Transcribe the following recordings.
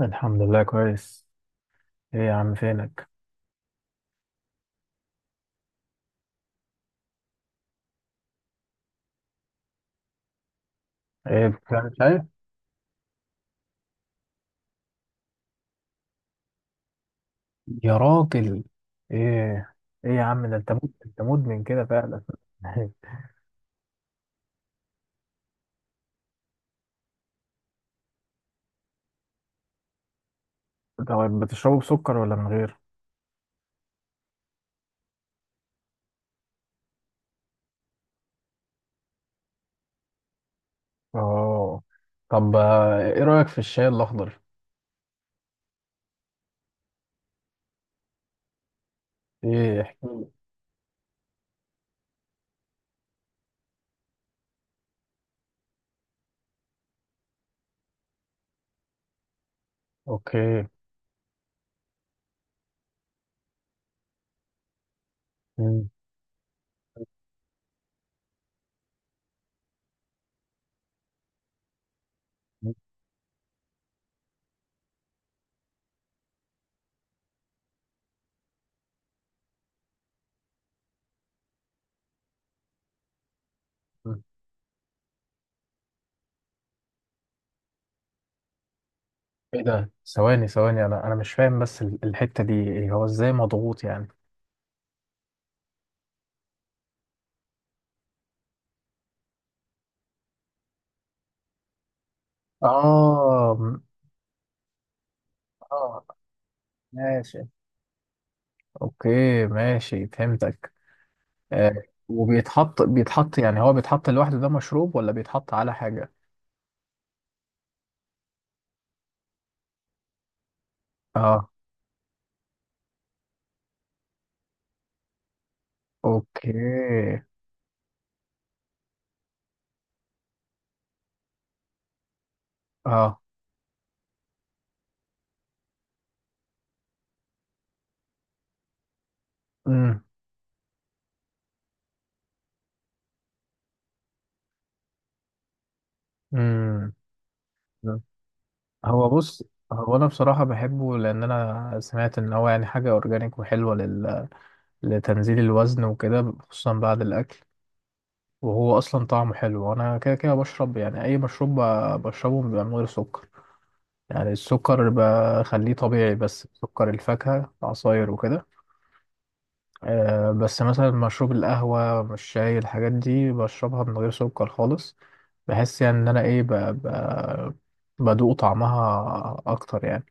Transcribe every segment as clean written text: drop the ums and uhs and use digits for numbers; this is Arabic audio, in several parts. الحمد لله كويس. ايه يا عم فينك؟ ايه بتعمل شاي؟ يا راجل، ايه. ايه يا عم، ده انت مدمن كده فعلا. طب بتشربه بسكر ولا من غير؟ اه. طب، ايه رأيك في الشاي الاخضر؟ ايه، احكي لي. اوكي. مم. مم. ايه ده؟ ثواني ثواني، انا مش فاهم، بس الحتة دي إيه؟ هو ازاي مضغوط يعني؟ اه. اه، ماشي، اوكي، ماشي فهمتك. آه، وبيتحط يعني، هو بيتحط لوحده؟ ده مشروب ولا بيتحط على حاجة؟ اه، اوكي، اه. امم امم هو بص، هو انا بصراحة بحبه لان انا سمعت ان هو يعني حاجة اورجانيك وحلوة لل... لتنزيل الوزن وكده، خصوصا بعد الاكل. وهو اصلا طعمه حلو، وانا كده كده بشرب، يعني اي مشروب بشربه بيبقى من غير سكر. يعني السكر بخليه طبيعي، بس سكر الفاكهة، عصاير وكده. بس مثلا مشروب القهوة، الشاي، الحاجات دي بشربها من غير سكر خالص. بحس يعني إن أنا بدوق طعمها أكتر يعني.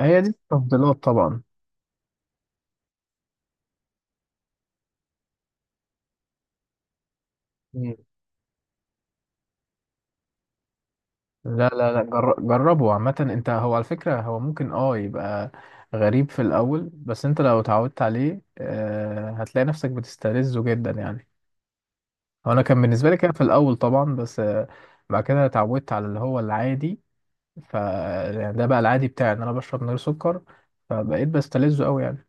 هي دي التفضيلات طبعا. مم. لا لا لا، جربه عامة. أنت هو على فكرة هو ممكن يبقى غريب في الأول، بس أنت لو اتعودت عليه هتلاقي نفسك بتستلذه جدا يعني. هو أنا كان بالنسبة لي كده في الأول طبعا، بس بعد كده اتعودت على اللي هو العادي. ف يعني ده بقى العادي بتاعي، ان انا بشرب من غير سكر، فبقيت بستلذه قوي يعني.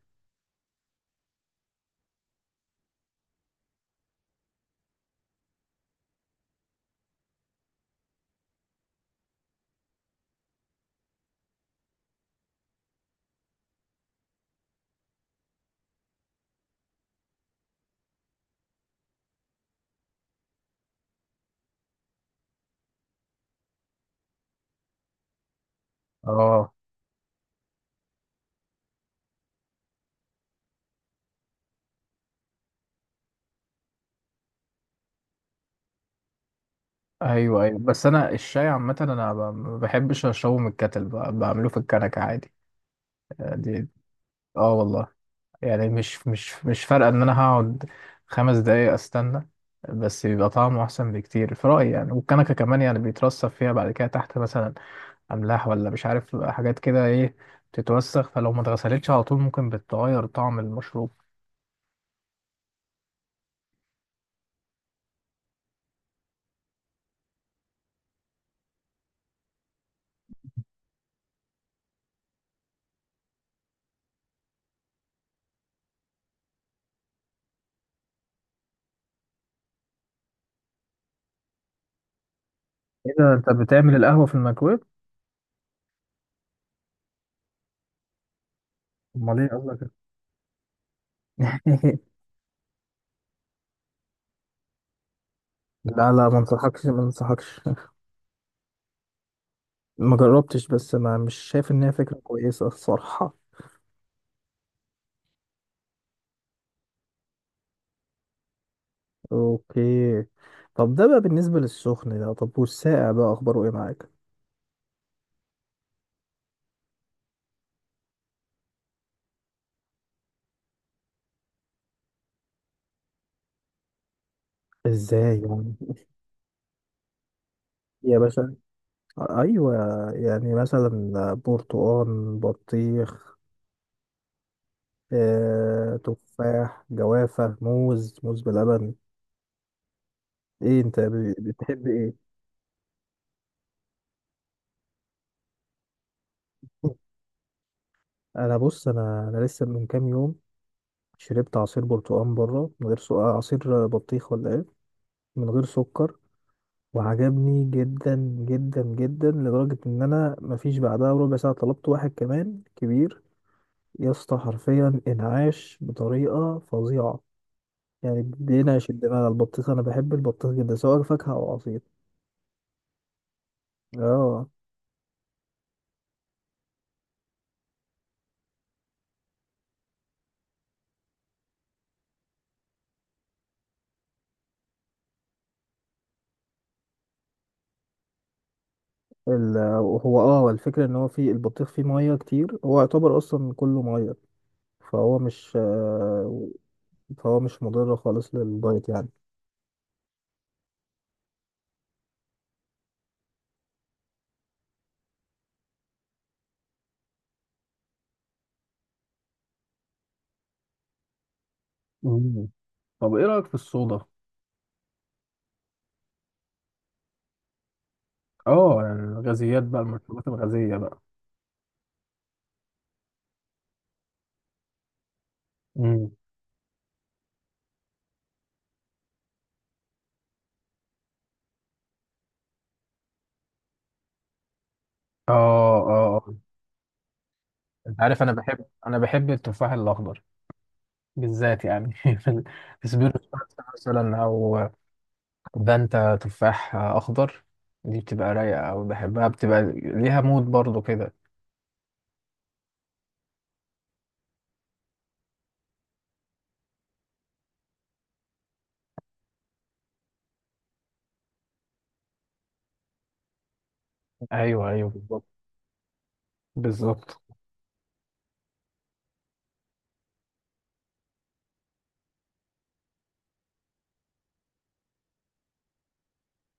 اه، ايوه ايوه، بس انا الشاي عامه انا ما بحبش اشربه من الكتل، بعمله في الكنكه عادي. دي. اه والله، يعني مش فارقه ان انا هقعد 5 دقايق استنى، بس بيبقى طعمه احسن بكتير في رايي يعني. والكنكه كمان يعني بيترصب فيها بعد كده تحت، مثلا املاح، ولا مش عارف حاجات كده ايه، بتتوسخ، فلو ما اتغسلتش على طول ممكن بتغير طعم المشروب. ايه ده، انت بتعمل القهوة في الميكرويف؟ امال ايه قصدك؟ لا لا، ما انصحكش، ما انصحكش. ما جربتش، بس ما مش شايف ان هي فكرة كويسة الصراحة. اوكي. طب ده بقى بالنسبة للسخن، ده طب، والساقع بقى اخباره ايه معاك؟ ازاي يعني؟ يا باشا، ايوه. يعني مثلا برتقال، بطيخ، تفاح، جوافة، موز، موز بلبن. ايه انت بتحب ايه؟ انا بص، انا لسه من كام يوم شربت عصير برتقال بره من غير سكر، عصير بطيخ ولا ايه، من غير سكر. وعجبني جدا جدا جدا، لدرجة ان انا مفيش بعدها ربع ساعة طلبت واحد كمان كبير. يا اسطى، حرفيا انعاش بطريقة فظيعة. يعني بينعش الدماغ البطيخ، انا بحب البطيخ جدا سواء فاكهة او عصير. اه. ال- هو الفكرة ان هو فيه البطيخ فيه مية كتير، هو يعتبر اصلا كله مية. فهو مش، فهو مش مضر خالص للدايت يعني. مم. طب ايه رأيك في الصودا؟ اه، يعني الغازيات بقى، المشروبات الغازية بقى. امم. اه اه، آه. انت عارف انا بحب، انا بحب التفاح الاخضر بالذات يعني. في في سبيرو سباتس مثلا، او فانتا تفاح اخضر. دي بتبقى رايقه، او بحبها، بتبقى ليها مود برضو كده. ايوه ايوه بالظبط. بالظبط.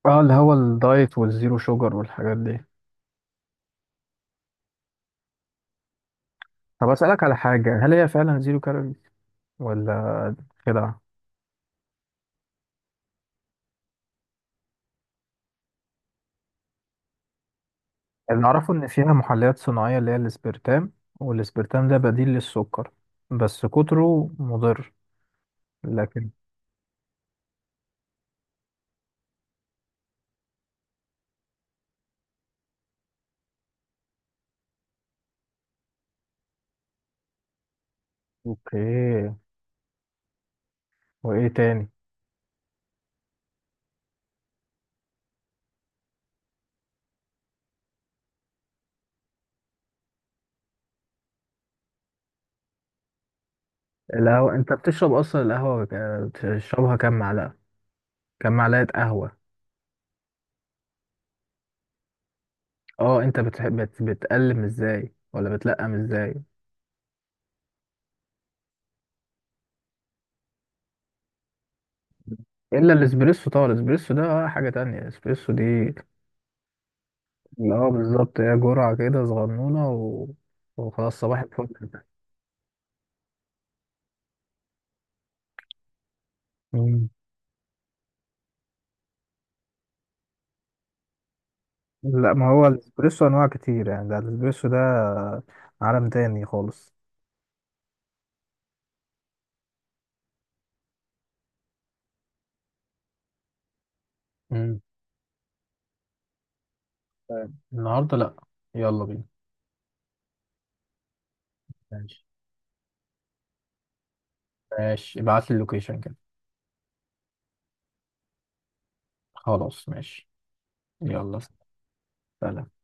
اه، اللي هو الدايت والزيرو شوجر والحاجات دي. طب اسالك على حاجه، هل هي فعلا زيرو كالوري ولا كده؟ اللي أعرفه إن فيها محليات صناعية، اللي هي الإسبرتام، والإسبرتام ده بديل للسكر، بس كتره مضر. لكن. أوكي. وإيه تاني. القهوة، أنت بتشرب أصلا القهوة بتشربها كام معلقة؟ كام معلقة قهوة؟ أه، أنت بتحب بتقلم إزاي، ولا بتلقم إزاي؟ إلا الإسبريسو طبعا، الإسبريسو ده حاجة تانية، الإسبريسو دي. أه بالظبط، هي جرعة كده صغنونة، و... وخلاص، صباح الفل. لا، ما هو الاسبريسو انواع كتير يعني، ده الاسبريسو ده عالم تاني خالص. مم. فاهم. النهارده لا، يلا بينا. ماشي، ماشي، ابعت لي اللوكيشن كده. خلاص ماشي. يلا سلام.